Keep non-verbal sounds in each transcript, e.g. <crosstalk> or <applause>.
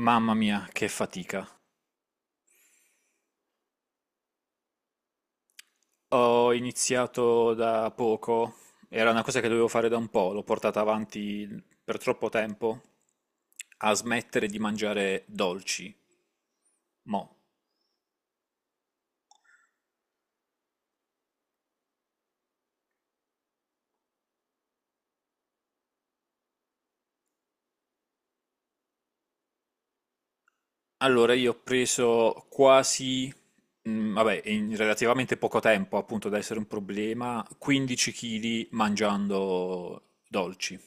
Mamma mia, che fatica. Ho iniziato da poco, era una cosa che dovevo fare da un po', l'ho portata avanti per troppo tempo, a smettere di mangiare dolci. Mo. Allora io ho preso quasi, vabbè, in relativamente poco tempo, appunto da essere un problema, 15 kg mangiando dolci.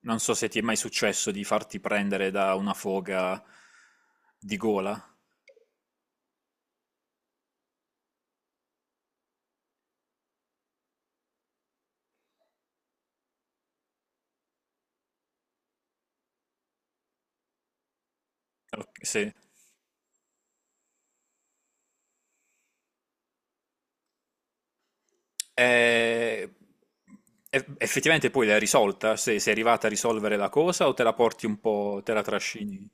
Non so se ti è mai successo di farti prendere da una foga di gola. Ok, sì. Eh, Effettivamente poi l'hai risolta? Sei arrivata a risolvere la cosa o te la porti un po', te la trascini?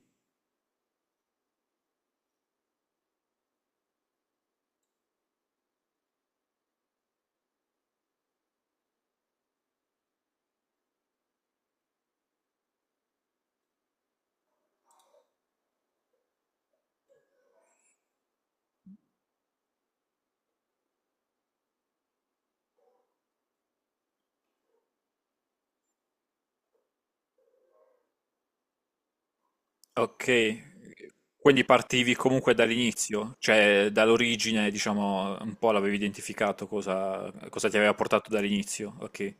Ok, quindi partivi comunque dall'inizio, cioè dall'origine, diciamo, un po' l'avevi identificato cosa, cosa ti aveva portato dall'inizio, ok.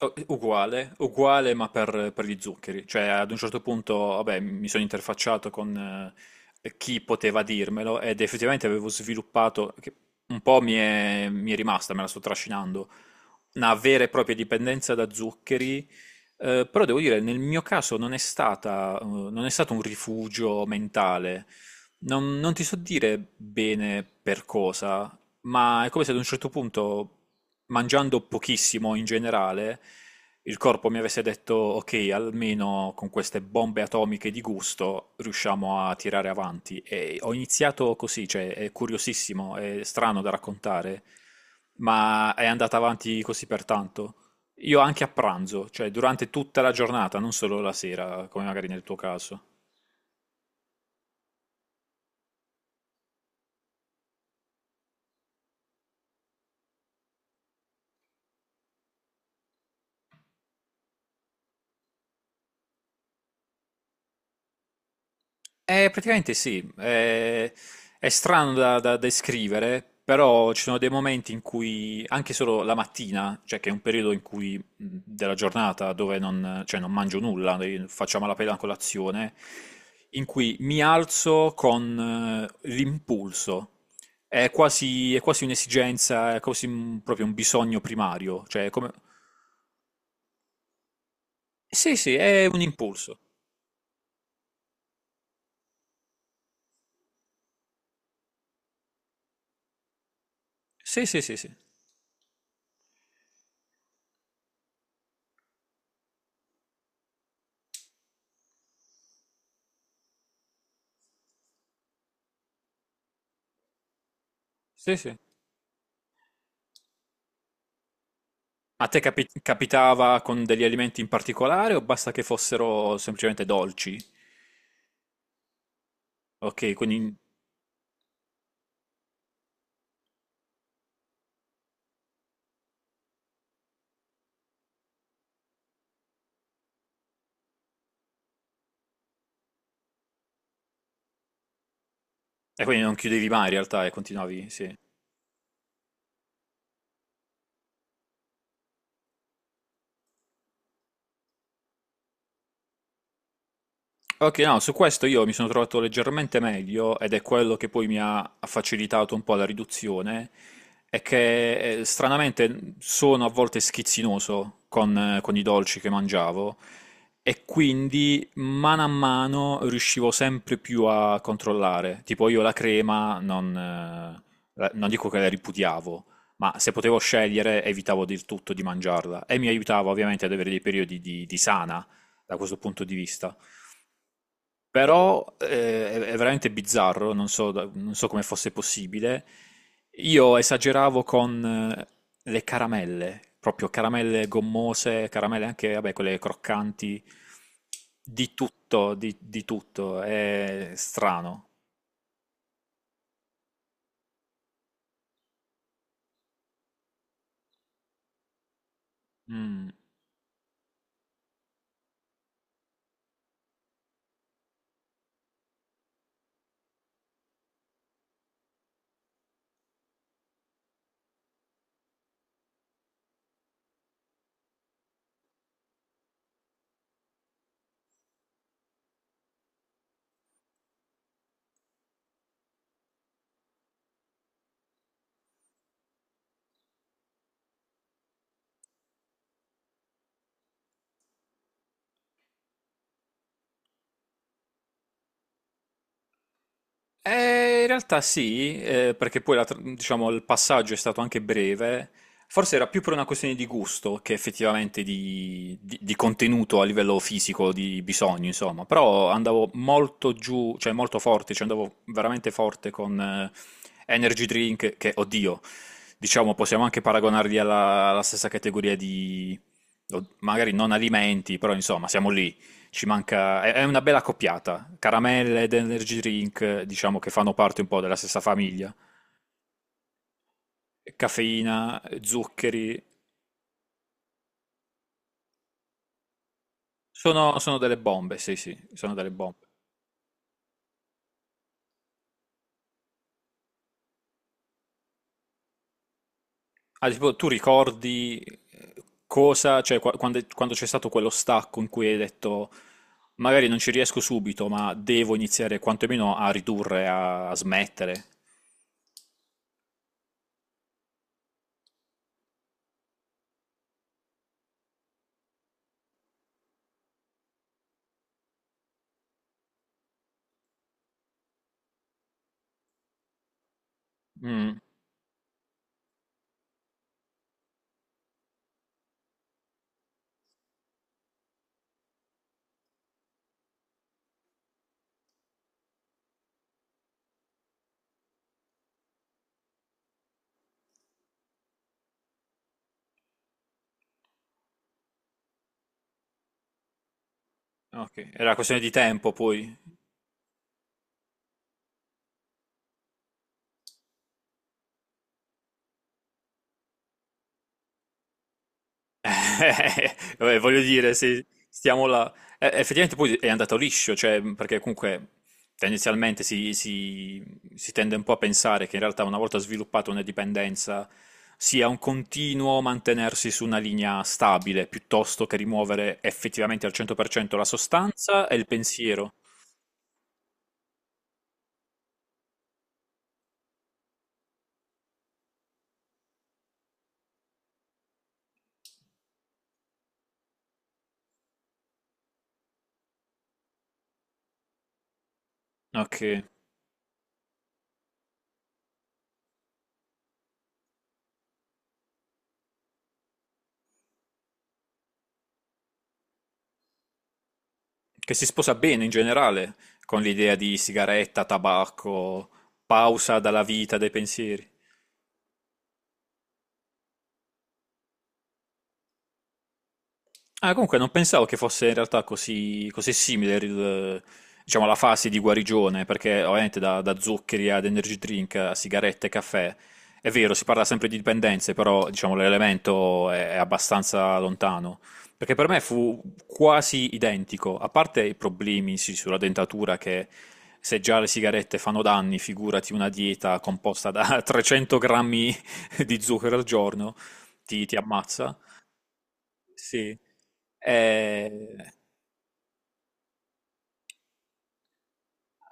Oh, uguale, uguale ma per gli zuccheri, cioè ad un certo punto vabbè, mi sono interfacciato con chi poteva dirmelo ed effettivamente avevo sviluppato, che un po' mi è rimasta, me la sto trascinando, una vera e propria dipendenza da zuccheri, però devo dire nel mio caso non è stata, non è stato un rifugio mentale, non ti so dire bene per cosa, ma è come se ad un certo punto, mangiando pochissimo in generale, il corpo mi avesse detto, ok, almeno con queste bombe atomiche di gusto riusciamo a tirare avanti. E ho iniziato così, cioè è curiosissimo, è strano da raccontare, ma è andata avanti così per tanto. Io anche a pranzo, cioè durante tutta la giornata, non solo la sera, come magari nel tuo caso. Praticamente sì, è strano da descrivere, però ci sono dei momenti in cui, anche solo la mattina, cioè che è un periodo in cui, della giornata dove non, cioè non mangio nulla, faccio a malapena la colazione, in cui mi alzo con l'impulso. È quasi un'esigenza, è quasi proprio un bisogno primario, cioè come... Sì, sì, è un impulso. Sì, sì, sì, sì. Sì, sì. A te capitava con degli alimenti in particolare o basta che fossero semplicemente dolci? Ok, quindi, e quindi non chiudevi mai in realtà e continuavi, sì. Ok, no, su questo io mi sono trovato leggermente meglio ed è quello che poi mi ha facilitato un po' la riduzione, è che stranamente sono a volte schizzinoso con i dolci che mangiavo e quindi mano a mano riuscivo sempre più a controllare. Tipo io la crema non, non dico che la ripudiavo, ma se potevo scegliere evitavo del tutto di mangiarla e mi aiutava ovviamente ad avere dei periodi di sana da questo punto di vista. Però è veramente bizzarro, non so, non so come fosse possibile. Io esageravo con eh, le caramelle, proprio caramelle gommose, caramelle anche, vabbè, quelle croccanti, di tutto, di tutto, è strano. Mm. In realtà sì, perché poi la diciamo, il passaggio è stato anche breve. Forse era più per una questione di gusto che effettivamente di, di contenuto a livello fisico, di bisogno, insomma. Però andavo molto giù, cioè molto forte, cioè andavo veramente forte con energy drink, che, oddio, diciamo, possiamo anche paragonarli alla, alla stessa categoria di, magari non alimenti, però insomma, siamo lì. Ci manca, è una bella coppiata. Caramelle ed energy drink, diciamo che fanno parte un po' della stessa famiglia. Caffeina, zuccheri, sono delle bombe, sì, sì, sono delle bombe. Ah, tipo, tu ricordi cosa, cioè quando, quando c'è stato quello stacco in cui hai detto magari non ci riesco subito, ma devo iniziare quantomeno a ridurre, a, a smettere. Mm, ok, era questione di tempo poi. <laughs> Vabbè, voglio dire, se stiamo là, effettivamente poi è andato liscio, cioè, perché comunque tendenzialmente si, si tende un po' a pensare che in realtà una volta sviluppata una dipendenza sia un continuo mantenersi su una linea stabile, piuttosto che rimuovere effettivamente al 100% la sostanza e il pensiero, no? Che si sposa bene in generale con l'idea di sigaretta, tabacco, pausa dalla vita, dai pensieri. Ah, comunque non pensavo che fosse in realtà così, così simile diciamo, la fase di guarigione, perché ovviamente da, da zuccheri ad energy drink a sigarette e caffè, è vero, si parla sempre di dipendenze, però diciamo, l'elemento è abbastanza lontano. Perché per me fu quasi identico, a parte i problemi sì, sulla dentatura, che se già le sigarette fanno danni, figurati una dieta composta da <laughs> 300 grammi di zucchero al giorno, ti ti ammazza. Sì, eh,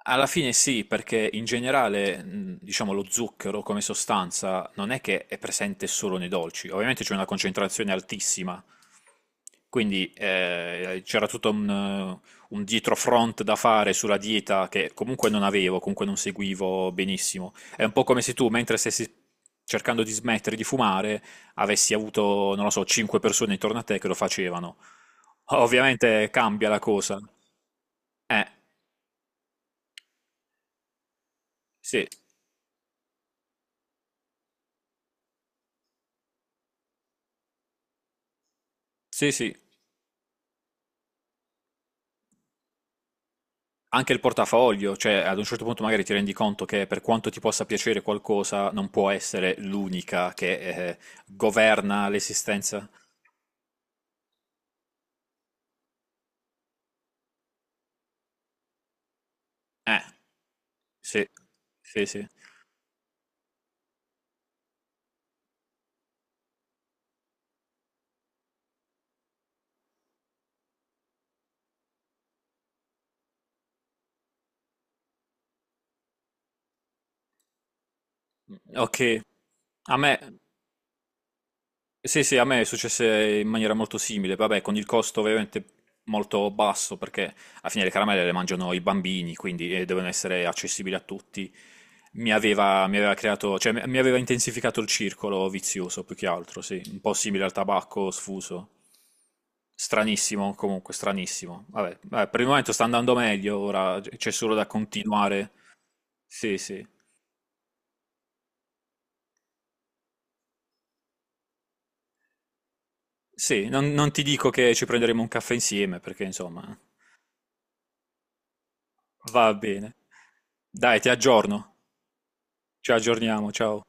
alla fine sì, perché in generale, diciamo, lo zucchero come sostanza non è che è presente solo nei dolci, ovviamente c'è una concentrazione altissima, quindi c'era tutto un dietrofront da fare sulla dieta che comunque non avevo, comunque non seguivo benissimo. È un po' come se tu, mentre stessi cercando di smettere di fumare, avessi avuto, non lo so, 5 persone intorno a te che lo facevano. Ovviamente cambia la cosa. Eh, sì, sì, sì, anche il portafoglio, cioè ad un certo punto magari ti rendi conto che per quanto ti possa piacere qualcosa, non può essere l'unica che governa l'esistenza. Eh, sì, sì, sì. Ok, a me. Sì, sì, a me è successo in maniera molto simile, vabbè, con il costo ovviamente molto basso, perché alla fine le caramelle le mangiano i bambini, quindi devono essere accessibili a tutti. Mi aveva creato, cioè mi aveva intensificato il circolo vizioso, più che altro, sì, un po' simile al tabacco sfuso. Stranissimo, comunque, stranissimo. Vabbè, vabbè, per il momento sta andando meglio, ora c'è solo da continuare. Sì, sì. Sì, non, non ti dico che ci prenderemo un caffè insieme, perché insomma... Va bene. Dai, ti aggiorno. Ci aggiorniamo, ciao.